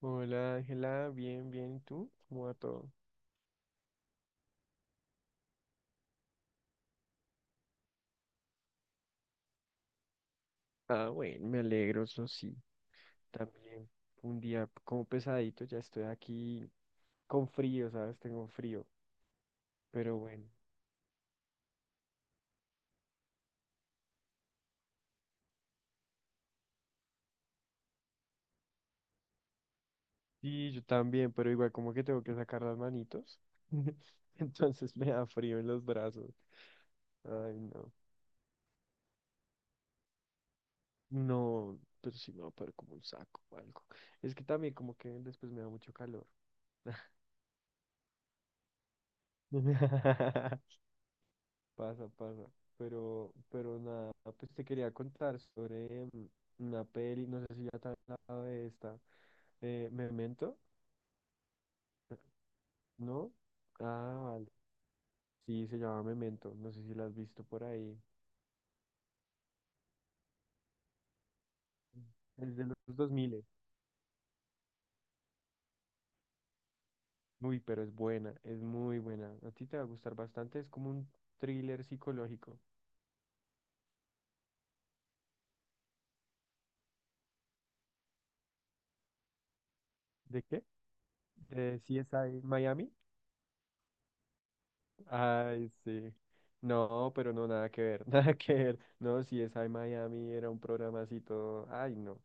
Hola Ángela, bien, bien, ¿y tú? ¿Cómo va todo? Ah, bueno, me alegro, eso sí. También un día como pesadito, ya estoy aquí con frío, ¿sabes? Tengo frío, pero bueno. Sí, yo también, pero igual como que tengo que sacar las manitos. Entonces me da frío en los brazos. Ay, no. No, pero sí me va a poner como un saco o algo. Es que también como que después me da mucho calor. Pasa, pasa. Pero nada, pues te quería contar sobre una peli, no sé si ya te he hablado de esta. ¿Memento? ¿No? Ah, vale. Sí, se llama Memento, no sé si la has visto por ahí. Es de los 2000. Uy, pero es buena, es muy buena. A ti te va a gustar bastante, es como un thriller psicológico. ¿De qué? De CSI Miami. Ay, sí. No, pero no, nada que ver, nada que ver. No, si es I Miami era un programa así todo. Ay, no.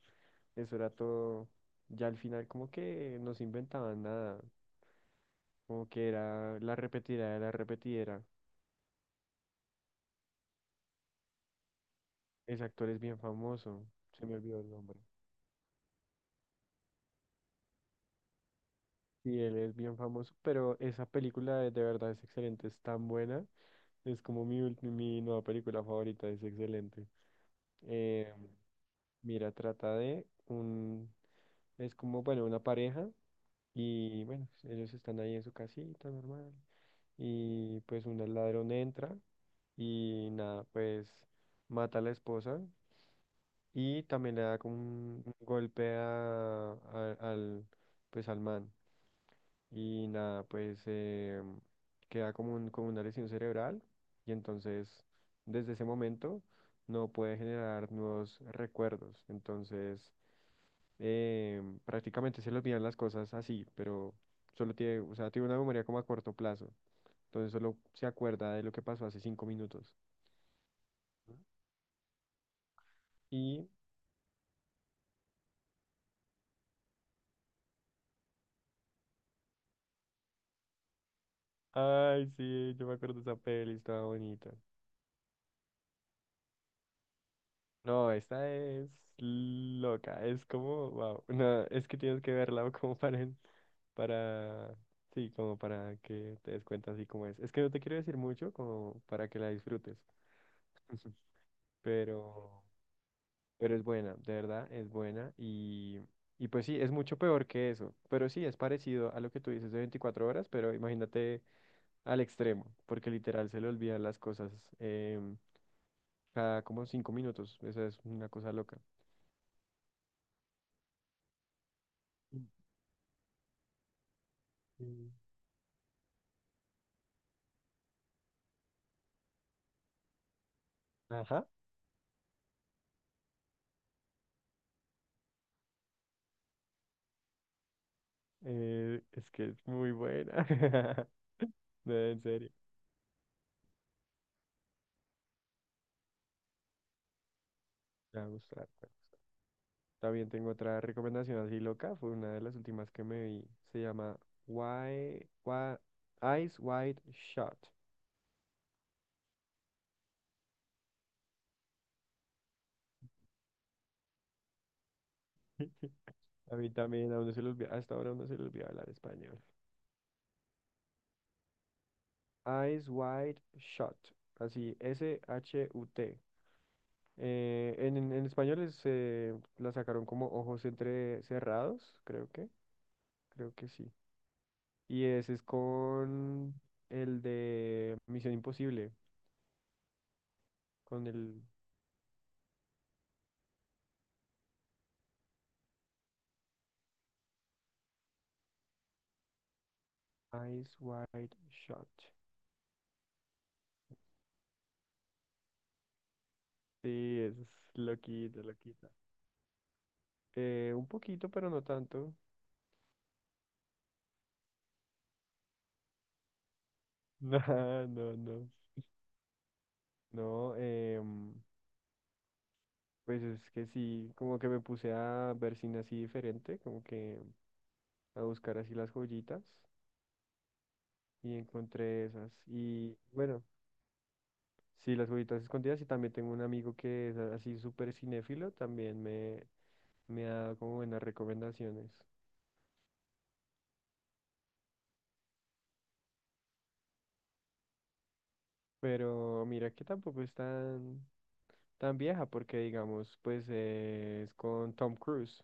Eso era todo. Ya al final, como que no se inventaban nada. Como que era la repetidera de la repetidera. Ese actor es bien famoso. Se me olvidó el nombre. Sí, él es bien famoso, pero esa película de verdad es excelente, es tan buena. Es como mi, ulti- mi nueva película favorita, es excelente. Eh, mira, trata de un. Es como, bueno, una pareja y bueno, ellos están ahí en su casita normal y pues un ladrón entra y nada, pues mata a la esposa y también le da como un golpe a- al, pues al man y nada, pues queda como, un, como una lesión cerebral y entonces desde ese momento no puede generar nuevos recuerdos, entonces prácticamente se le olvidan las cosas así, pero solo tiene, o sea, tiene una memoria como a corto plazo. Entonces solo se acuerda de lo que pasó hace cinco minutos. Y ay, sí, yo me acuerdo de esa peli, estaba bonita. No, esta es loca, es como, wow, no, es que tienes que verla como para, en- para, sí, como para que te des cuenta así como es. Es que no te quiero decir mucho como para que la disfrutes, pero. Pero es buena, de verdad, es buena. Y y pues sí, es mucho peor que eso. Pero sí, es parecido a lo que tú dices de 24 horas, pero imagínate al extremo, porque literal se le olvidan las cosas em, cada como 5 minutos. Eso es una cosa loca. Mm. Ajá. Es que es muy buena. No, en serio. Te va a gustar, te va a gustar. También tengo otra recomendación así loca. Fue una de las últimas que me vi. Se llama Why, Why- Eyes Wide Shut. A mí también, a uno se le olvida, hasta ahora a uno se le olvida hablar español. Eyes wide shut. Así, S-H-U-T. En español es, la sacaron como ojos entre cerrados, creo que sí. Y ese es con el de Misión Imposible, con el. Eyes Wide Shut. Sí, eso es loquita, loquita. Un poquito, pero no tanto. No, no, no. No, Pues es que sí, como que me puse a ver cine así diferente, como que a buscar así las joyitas y encontré esas. Y bueno, sí, las joyitas escondidas y también tengo un amigo que es así súper cinéfilo, también me ha dado como buenas recomendaciones. Pero mira que tampoco es tan, tan vieja porque digamos, pues es con Tom Cruise.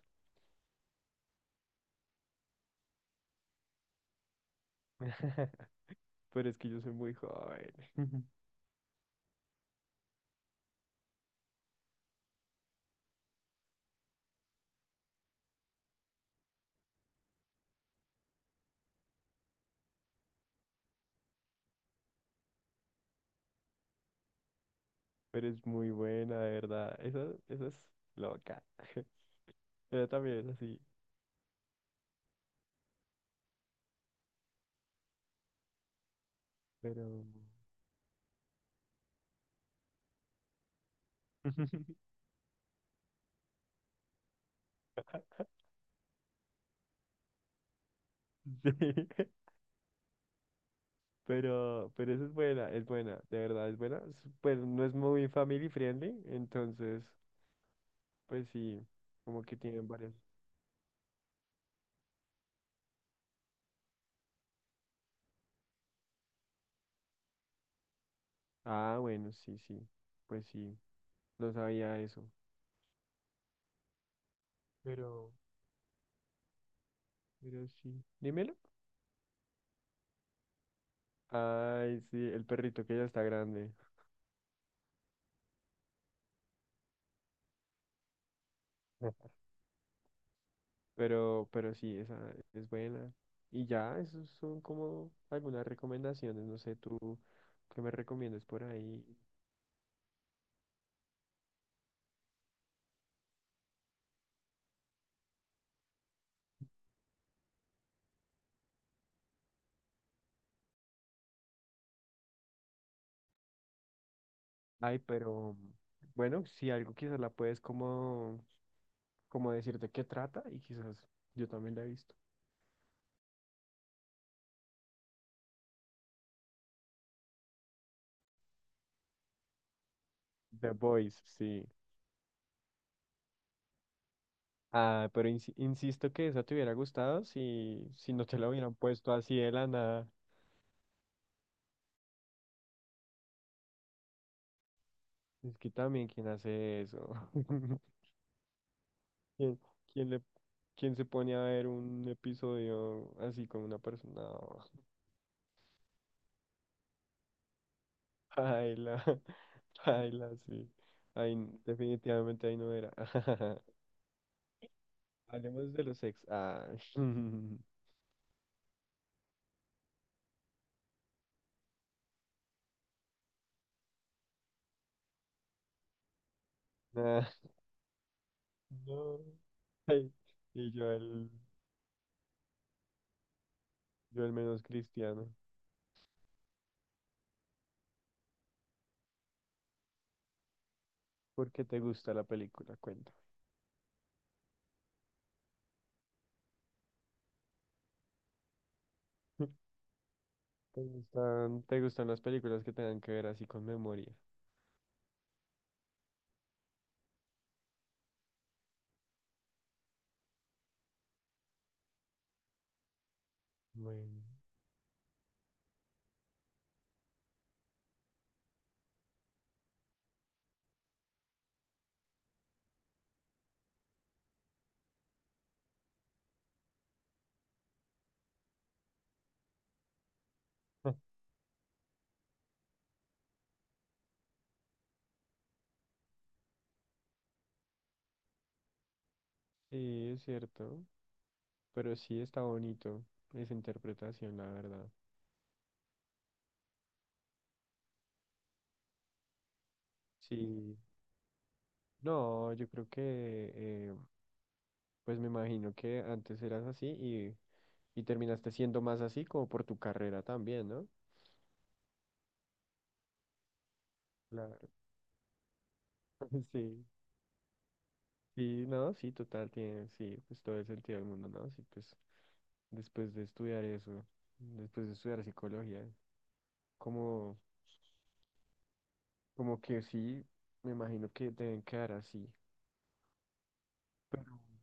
Pero es que yo soy muy joven. Pero es muy buena, de verdad. Esa es loca. Yo también, así, pero... Sí, pero eso es buena, de verdad es buena. Es- pues no es muy family friendly, entonces, pues sí, como que tienen varias. Ah, bueno, sí, sí, pues sí, no sabía eso. Pero, pero sí. Dímelo. Ay, sí, el perrito que ya está grande. Pero sí, esa es buena. Y ya, esos son como algunas recomendaciones. No sé, tú qué me recomiendas por ahí. Ay, pero bueno, si algo quizás la puedes como, como decir de qué trata y quizás yo también la he visto. The Boys, sí. Ah, pero insi- insisto que esa te hubiera gustado si, si no te la hubieran puesto así de la nada. Es que también, ¿quién hace eso? ¿Quién, quién le, quién se pone a ver un episodio así con una persona? No. Baila, baila, sí. Ahí, definitivamente ahí no era. Hablemos de los ex. Ah, ah, no. Ay, y yo el menos cristiano. ¿Por qué te gusta la película? Cuenta. Te gustan las películas que tengan que ver así con memoria? Bueno. Sí, es cierto. Pero sí está bonito esa interpretación, la verdad. Sí. No, yo creo que, pues me imagino que antes eras así y terminaste siendo más así como por tu carrera también, ¿no? Claro. Sí, sí, no, sí, total, tiene, sí, pues todo el sentido del mundo, ¿no? Sí, pues después de estudiar eso, después de estudiar psicología, como, como que sí, me imagino que deben quedar así. Pero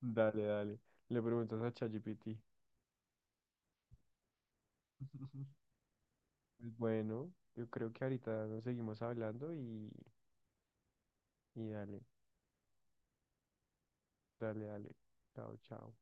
dale, dale, le preguntas a ChatGPT. Pues bueno, yo creo que ahorita nos seguimos hablando y dale, dale, dale. Chao, chao.